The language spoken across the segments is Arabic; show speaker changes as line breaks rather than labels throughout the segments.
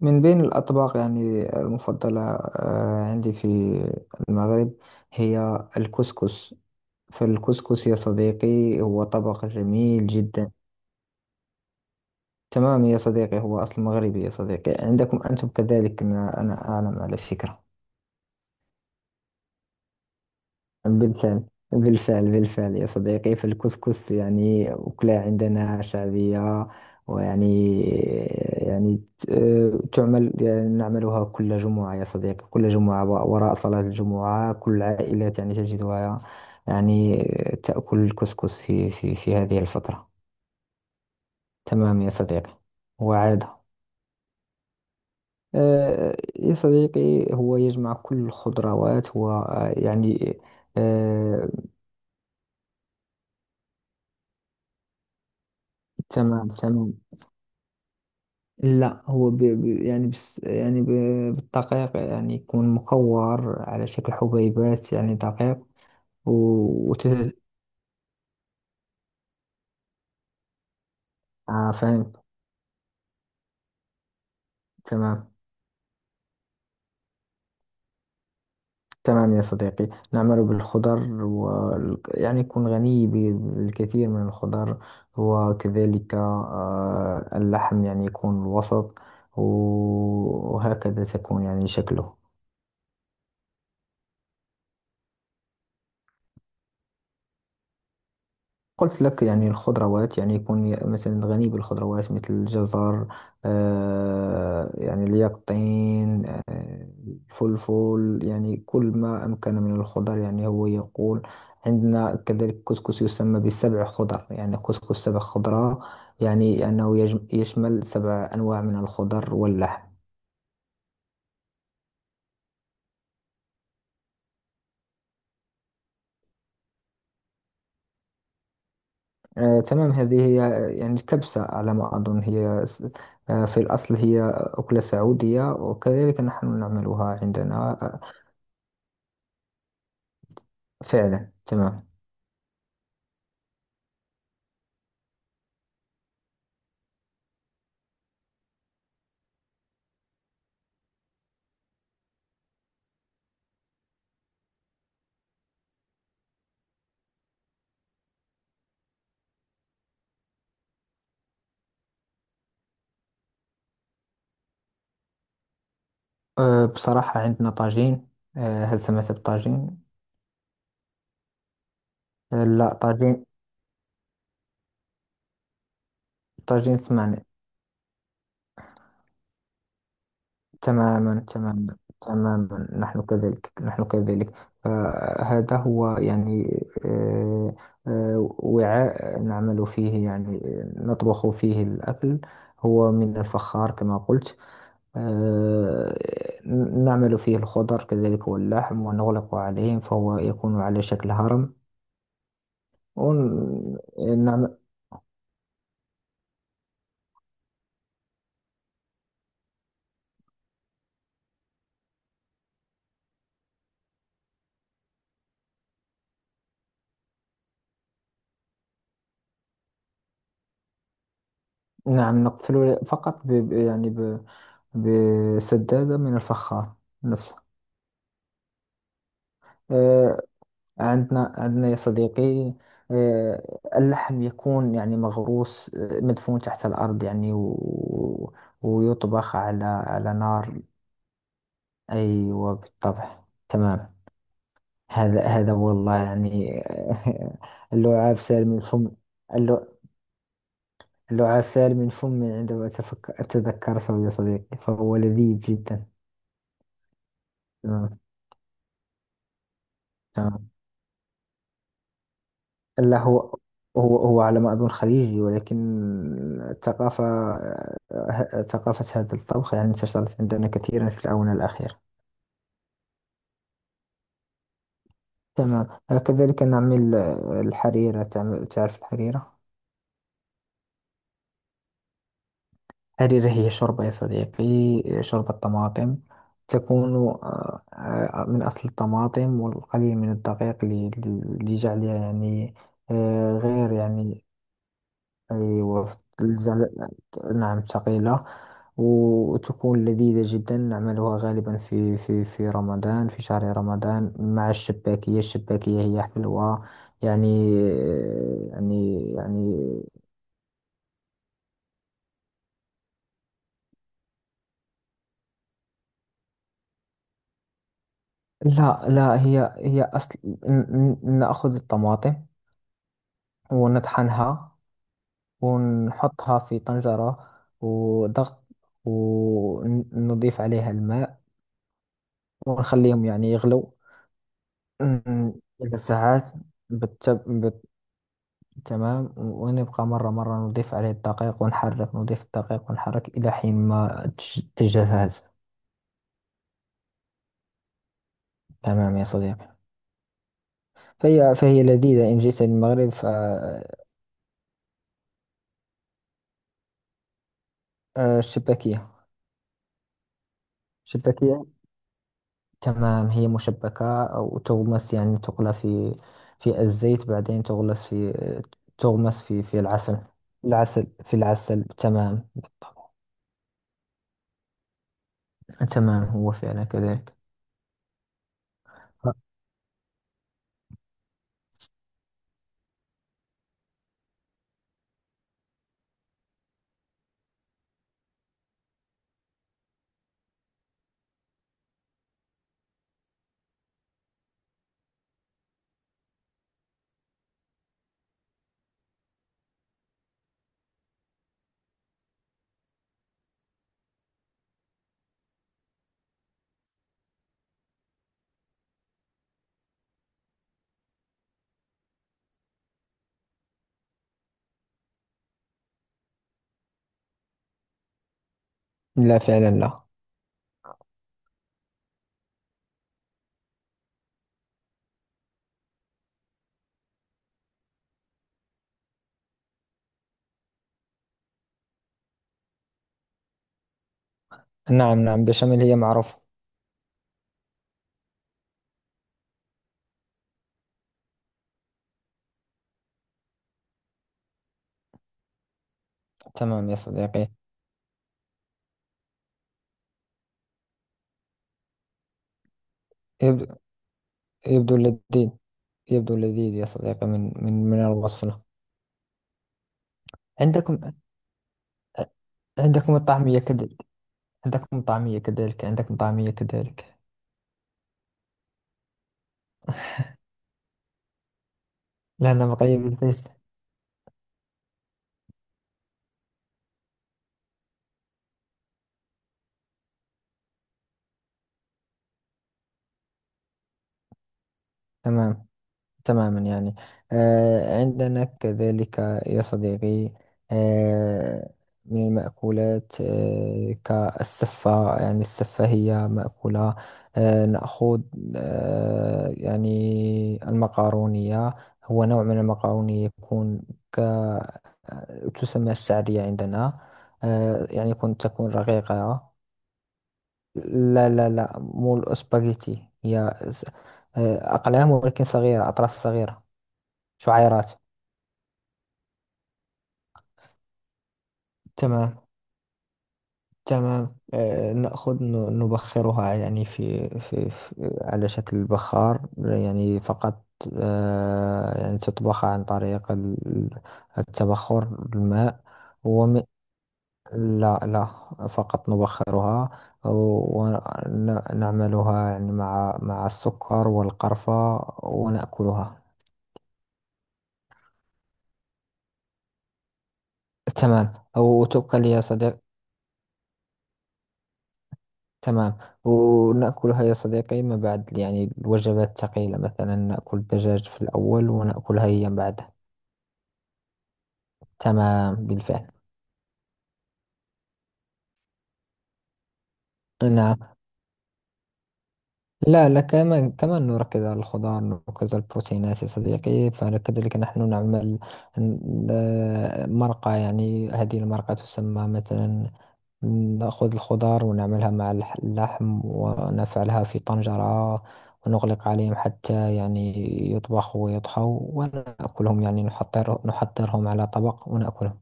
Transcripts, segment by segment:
من بين الأطباق المفضلة عندي في المغرب هي الكسكس. فالكسكس يا صديقي هو طبق جميل جدا. تمام يا صديقي، هو أصل مغربي يا صديقي، عندكم أنتم كذلك ما أنا أعلم على فكرة. بالفعل. بالفعل يا صديقي، فالكسكس أكلة عندنا شعبية ويعني يعني ت- تعمل، نعملها كل جمعة يا صديقي، كل جمعة وراء صلاة الجمعة كل العائلات تجدها يعني تأكل الكسكس في هذه الفترة. تمام يا صديقي. وعادة يا صديقي هو يجمع كل الخضروات تمام، تمام. لا، هو ب... ب... يعني بس يعني ب... بالدقيق، يكون مكور على شكل حبيبات، دقيق و... وتت... آه فهمت. تمام. تمام، يا صديقي نعمل بالخضر و... يعني يكون غني بالكثير من الخضر، وكذلك آه اللحم يكون وسط. وهكذا تكون شكله. قلت لك، الخضروات، يكون مثلا غني بالخضروات مثل الجزر، آه اليقطين، آه الفلفل، كل ما أمكن من الخضر، هو يقول. عندنا كذلك كسكس يسمى بسبع خضر، كسكس سبع خضرة، أنه يشمل سبع أنواع من الخضر واللحم. آه تمام، هذه هي. الكبسة على ما أظن هي في الأصل هي أكلة سعودية، وكذلك نحن نعملها عندنا. آه، فعلا. تمام. أه بصراحة عندنا طاجين. أه هل سمعت بالطاجين؟ أه لا طاجين. طاجين سمعنا. تماما نحن كذلك، نحن كذلك. أه هذا هو، أه. أه، وعاء نعمل فيه، نطبخ فيه الأكل. هو من الفخار كما قلت. أه، نعمل فيه الخضر كذلك واللحم، ونغلق عليهم، فهو يكون على شكل هرم. ونعمل. نعم، نقفل فقط بسدادة من الفخار نفسه. آه، عندنا يا صديقي، آه، اللحم يكون مغروس، آه، مدفون تحت الأرض، ويطبخ على على نار. أيوة بالطبع. تمام. هذا، والله اللعاب سال من فم. اللع- اللعاب سال من فمي عندما أتفكر أتذكرته يا صديقي، فهو لذيذ جدا. تمام تمام. لا، هو على ما أظن خليجي، ولكن الثقافة، آه، ثقافة هذا الطبخ انتشرت عندنا كثيرا في الآونة الأخيرة. تمام. آه، كذلك نعمل آه، الحريرة. تعرف الحريرة؟ الحريرة هي شوربة يا صديقي، شوربة طماطم. تكون من أصل الطماطم والقليل من الدقيق لجعلها يعني آه، غير يعني أيوة نعم ثقيلة. وتكون لذيذة جدا، نعملها غالبا في رمضان، في شهر رمضان، مع الشباكية. الشباكية هي حلوة يعني يعني يعني لا لا، هي هي أصل، نأخذ الطماطم ونطحنها، ونحطها في طنجرة وضغط، ونضيف عليها الماء، ونخليهم يغلو. أمم، إذا ساعات بتب... بت... تمام. ونبقى مرة مرة نضيف عليه الدقيق ونحرك، نضيف الدقيق ونحرك إلى حين ما تجهز. تمام يا صديقي. فهي، لذيذة إن جئت للمغرب. فالشباكية. شباكية. تمام، هي مشبكة، وتغمس تقلى في في الزيت، بعدين تغلس في تغمس في في العسل. العسل، في العسل، تمام بالطبع. تمام هو فعلا كذلك. لا فعلا لا. نعم نعم، بشاميل هي معروفة. تمام يا صديقي. يبدو, يبدو لذيذ، يبدو لذيذ يا صديقي، من الوصف له. عندكم، عندكم الطعمية كذلك. عندكم طعمية كذلك. لأنها بقية بالفيس. تمام. تماما، آه، عندنا كذلك يا صديقي آه، من المأكولات آه، كالسفة. السفة هي مأكولة، آه، نأخذ آه، المقارونية. هو نوع من المقارونية، يكون ك آه، تسمى الشعرية عندنا، آه، يعني يكون تكون رقيقة. لا لا لا، مو الأسباجيتي، هي آه، أقلام ولكن صغيرة، أطراف صغيرة، شعيرات. تمام. تمام آه، نأخذ نبخرها يعني في, في, في على شكل بخار فقط، آه، تطبخ عن طريق التبخر، الماء ومن. لا لا، فقط نبخرها، ونعملها مع مع السكر والقرفة ونأكلها. تمام وتبقى لي يا صديقي. تمام، ونأكلها يا صديقي ما بعد الوجبات الثقيلة، مثلا نأكل الدجاج في الأول، ونأكلها هي بعدها. تمام بالفعل. نعم. لا لا، كمان كمان نركز على الخضار، نركز على البروتينات يا صديقي. فكذلك نحن نعمل مرقة، هذه المرقة تسمى مثلا. نأخذ الخضار ونعملها مع اللحم، ونفعلها في طنجرة ونغلق عليهم حتى يطبخوا ويطهوا ونأكلهم، نحضر، نحضرهم على طبق ونأكلهم.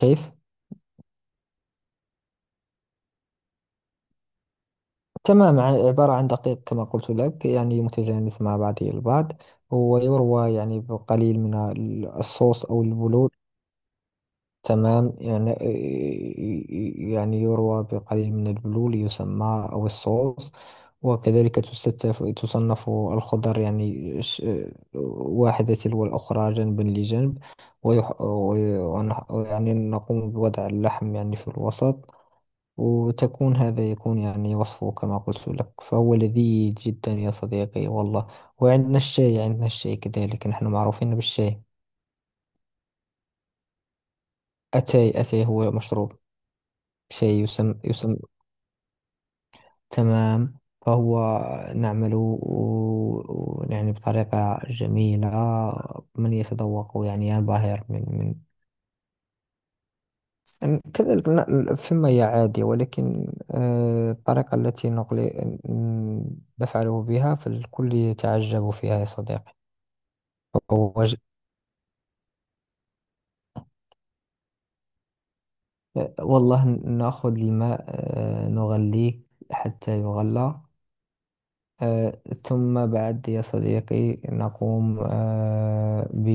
كيف؟ تمام، عبارة عن دقيق كما قلت لك، متجانس مع بعضه البعض، ويروى بقليل من الصوص أو البلور. تمام يروى بقليل من البلول يسمى أو الصوص. وكذلك تستف، تصنف الخضر واحدة تلو الأخرى جنبا لجنب، ويح... وي- ونح... يعني نقوم بوضع اللحم في الوسط. وتكون هذا يكون وصفه كما قلت لك، فهو لذيذ جدا يا صديقي والله. وعندنا الشاي، عندنا الشاي كذلك، نحن معروفين بالشاي. أتاي، أتاي هو مشروب شاي يسمى. تمام. فهو نعمل بطريقة جميلة، من يتذوق ينبهر من من. كذلك ثم هي عادية، ولكن آه، الطريقة التي نقل نفعله بها، فالكل يتعجب فيها يا صديقي. فهو ج- آه، والله نأخذ الماء آه، نغليه حتى يغلى، آه، ثم بعد يا صديقي نقوم آه، ب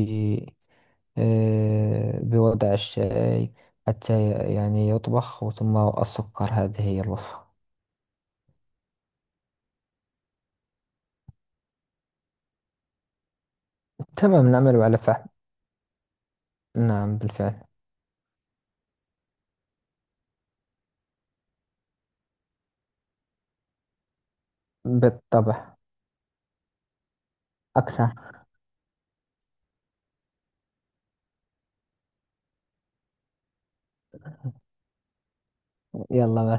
آه، بوضع الشاي حتى يطبخ، ثم السكر، هذه هي الوصفة. تمام، نعمل على فحم. نعم بالفعل. بالطبع أكثر. يلا.